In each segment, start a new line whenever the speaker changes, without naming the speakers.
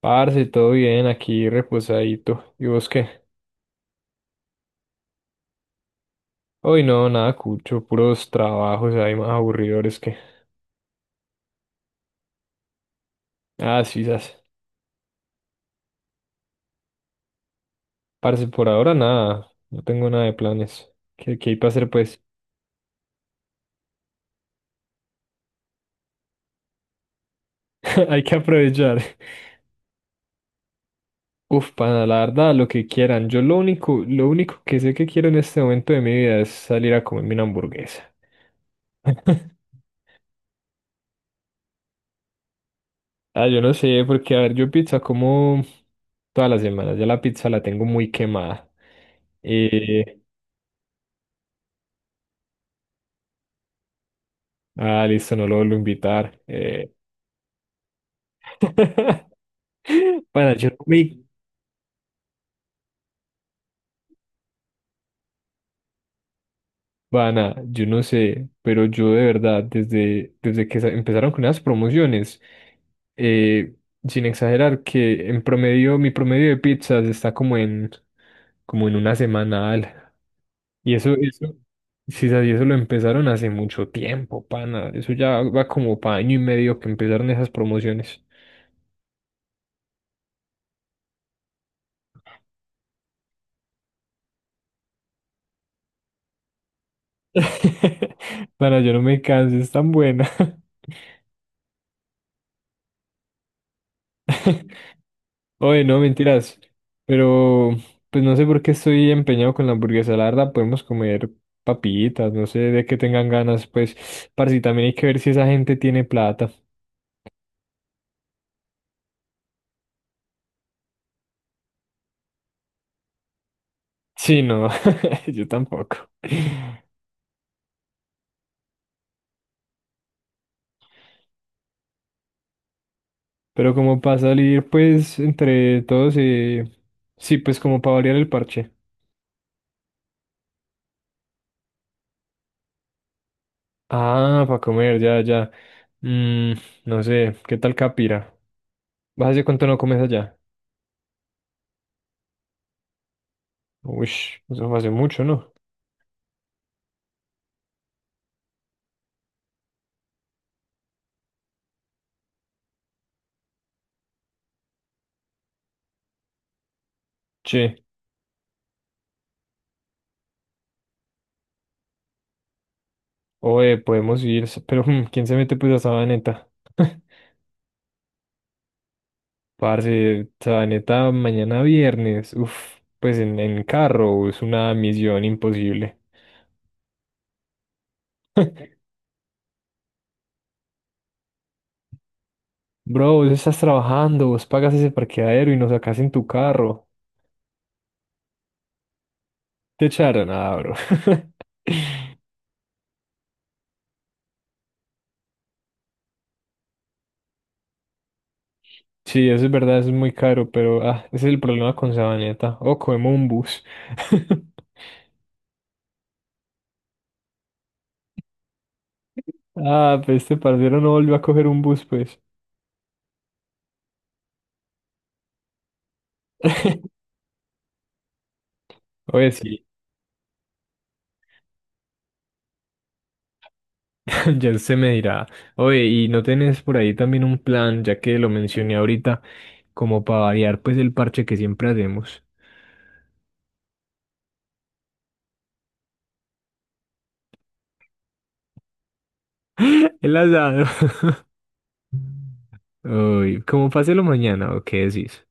Parce, todo bien, aquí reposadito. ¿Y vos qué? Hoy no, nada cucho, puros trabajos hay más aburridores que. Ah, sí, sas. Parce, por ahora nada, no tengo nada de planes. ¿Qué hay para hacer, pues? Hay que aprovechar. Uf, para la verdad, lo que quieran. Yo lo único que sé que quiero en este momento de mi vida es salir a comerme una hamburguesa. Ah, yo no sé, porque a ver, yo pizza como todas las semanas, ya la pizza la tengo muy quemada. Sí. Ah, listo, no lo vuelvo a invitar. Pana, yo no me... Pana, yo no sé, pero yo de verdad, empezaron con las promociones, eh, sin exagerar, que en promedio, mi promedio de pizzas está como en una semanal. Y eso, sí, sabes, y eso lo empezaron hace mucho tiempo, pana. Eso ya va como para año y medio que empezaron esas promociones. Pana, yo no me canso, es tan buena. Oye, no, mentiras. Pero, pues no sé por qué estoy empeñado con la hamburguesa. La verdad, podemos comer papitas, no sé de qué tengan ganas, pues. Parce, y también hay que ver si esa gente tiene plata. Sí, no, yo tampoco. Pero como para salir, pues, entre todos, sí, pues como para variar el parche. Ah, para comer, ya, ya. Mm, no sé, ¿qué tal Capira? ¿Vas hace cuánto no comes allá? Uy, eso fue hace mucho, ¿no? Sí. Oye, podemos ir, pero ¿quién se mete pues a Sabaneta? Parce, Sabaneta mañana viernes, uf, pues en carro, es una misión imposible. Bro, vos estás trabajando, vos pagas ese parqueadero y nos sacás en tu carro. Te echaron, ah, bro. Sí, eso es verdad, eso es muy caro, pero ah, ese es el problema con Sabaneta. O cogemos un bus. Ah, pues este parcero no volvió a coger un bus, pues. Oye, sí, ya se me dirá, oye, ¿y no tenés por ahí también un plan, ya que lo mencioné ahorita, como para variar pues el parche que siempre hacemos? El asado. Uy, como páselo mañana, ¿o qué decís?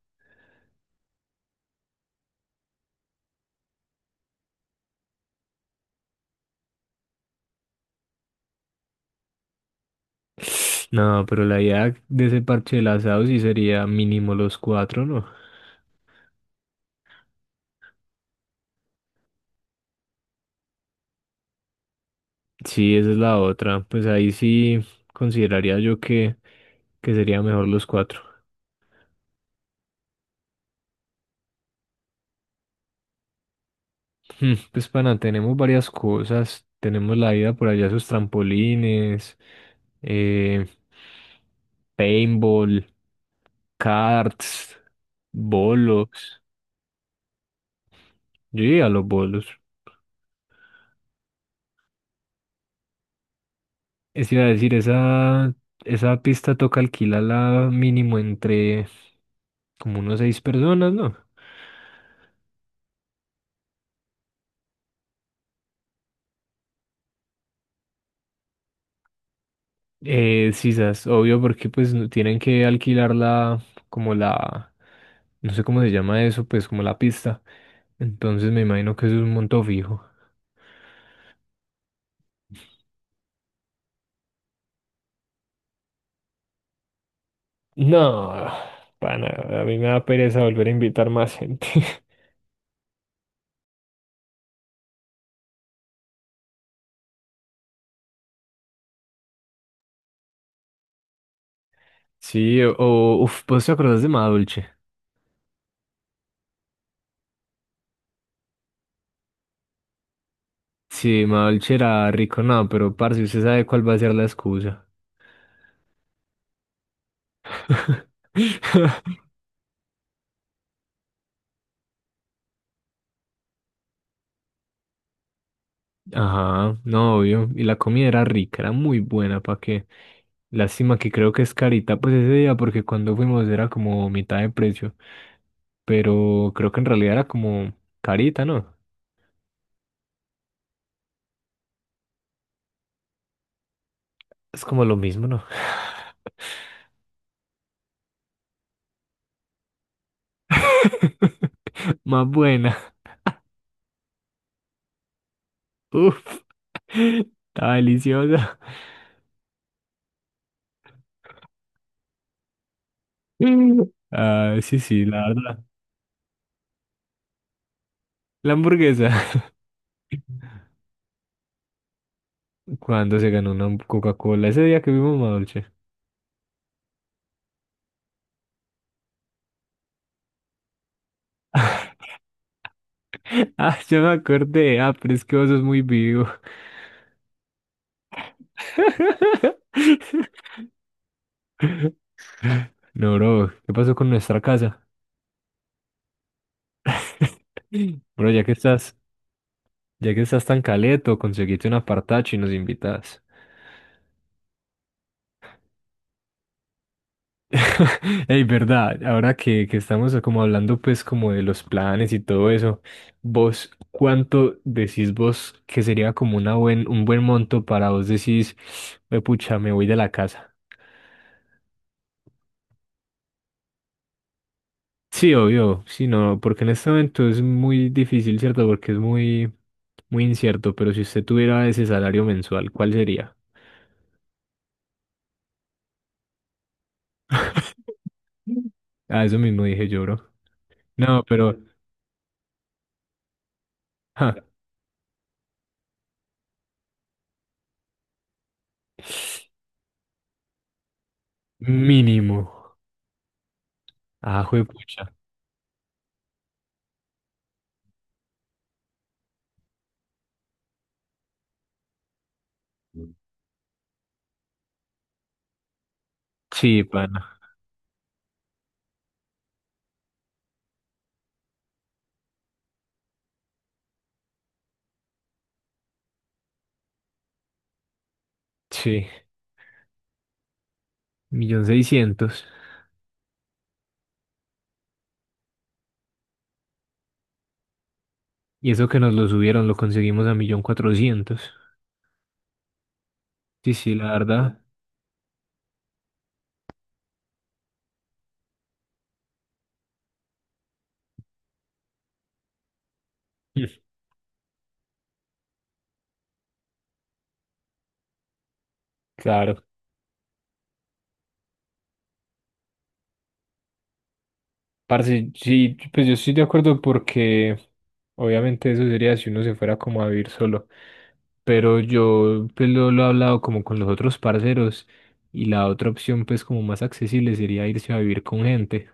No, pero la idea de ese parche del asado sí sería mínimo los cuatro, ¿no? Sí, esa es la otra. Pues ahí sí consideraría yo que sería mejor los cuatro. Pues pana, tenemos varias cosas. Tenemos la ida por allá a sus trampolines, eh, paintball, karts, bolos. Yo iría a los bolos. Es iba a decir, esa pista toca alquilarla mínimo entre como unos seis personas, ¿no? Sisas, obvio, porque pues tienen que alquilar la, no sé cómo se llama eso, pues como la pista. Entonces me imagino que eso es un monto fijo. No, pana, a mí me da pereza volver a invitar más gente. Sí, o, uff, ¿vos te acordás de Madolche? Sí, Madolche era rico, no, pero parce, usted sabe cuál va a ser la excusa. Ajá, no, obvio. Y la comida era rica, era muy buena, ¿para qué? Lástima que creo que es carita, pues ese día, porque cuando fuimos era como mitad de precio, pero creo que en realidad era como carita, ¿no? Es como lo mismo, ¿no? Más buena. Uf, está deliciosa. Ah, sí, sí, la verdad. La hamburguesa. Cuando se ganó una Coca-Cola, ese día que vimos Madolche. Ah, yo me acordé. Ah, pero es que vos sos muy vivo. No, bro, ¿qué pasó con nuestra casa? Bro, ya que estás. Ya que estás tan caleto, conseguiste un apartacho y nos invitas. Ey, verdad, ahora que estamos como hablando pues como de los planes y todo eso, vos, ¿cuánto decís vos que sería como un buen monto para vos decís, "Hue pucha, me voy de la casa"? Sí, obvio, sí, no, porque en este momento es muy difícil, ¿cierto? Porque es muy, muy incierto, pero si usted tuviera ese salario mensual, ¿cuál sería? Ah, eso mismo dije yo, bro. No, pero ja, mínimo. Ah, juepucha. Sí, pana. Sí, 1.600.000. Y eso que nos lo subieron, lo conseguimos a 1.400.000. Sí, sí, la verdad. Mm. Claro. Parce, sí, pues yo estoy de acuerdo porque obviamente eso sería si uno se fuera como a vivir solo. Pero yo pues lo he hablado como con los otros parceros y la otra opción pues como más accesible sería irse a vivir con gente.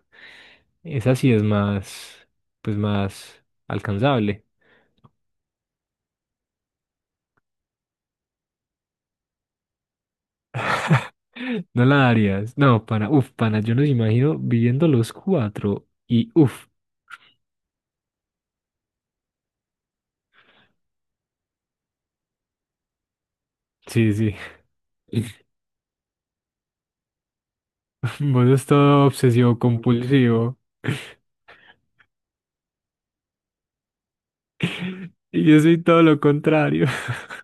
Esa sí es más, pues más alcanzable. No la darías. No, pana, uf, pana, yo nos imagino viviendo los cuatro y uf, sí, sí. Vos es todo obsesivo compulsivo. Y yo soy todo lo contrario.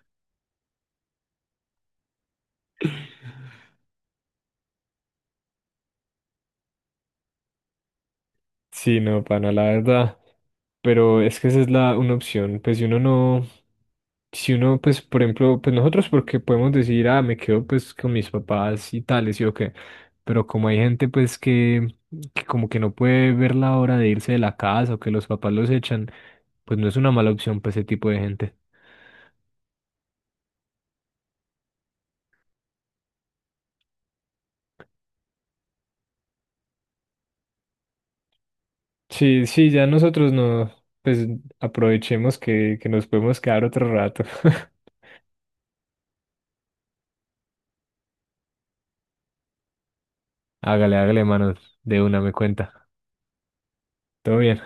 Sí, no, pana, la verdad. Pero es que esa es la una opción. Pues si uno, pues, por ejemplo, pues nosotros porque podemos decir, ah, me quedo pues con mis papás y tales, y o qué. Pero como hay gente pues que como que no puede ver la hora de irse de la casa o que los papás los echan, pues no es una mala opción para ese tipo de gente. Sí, sí, ya nosotros no, pues aprovechemos que nos podemos quedar otro rato. Hágale, hágale, manos. De una me cuenta. Todo bien.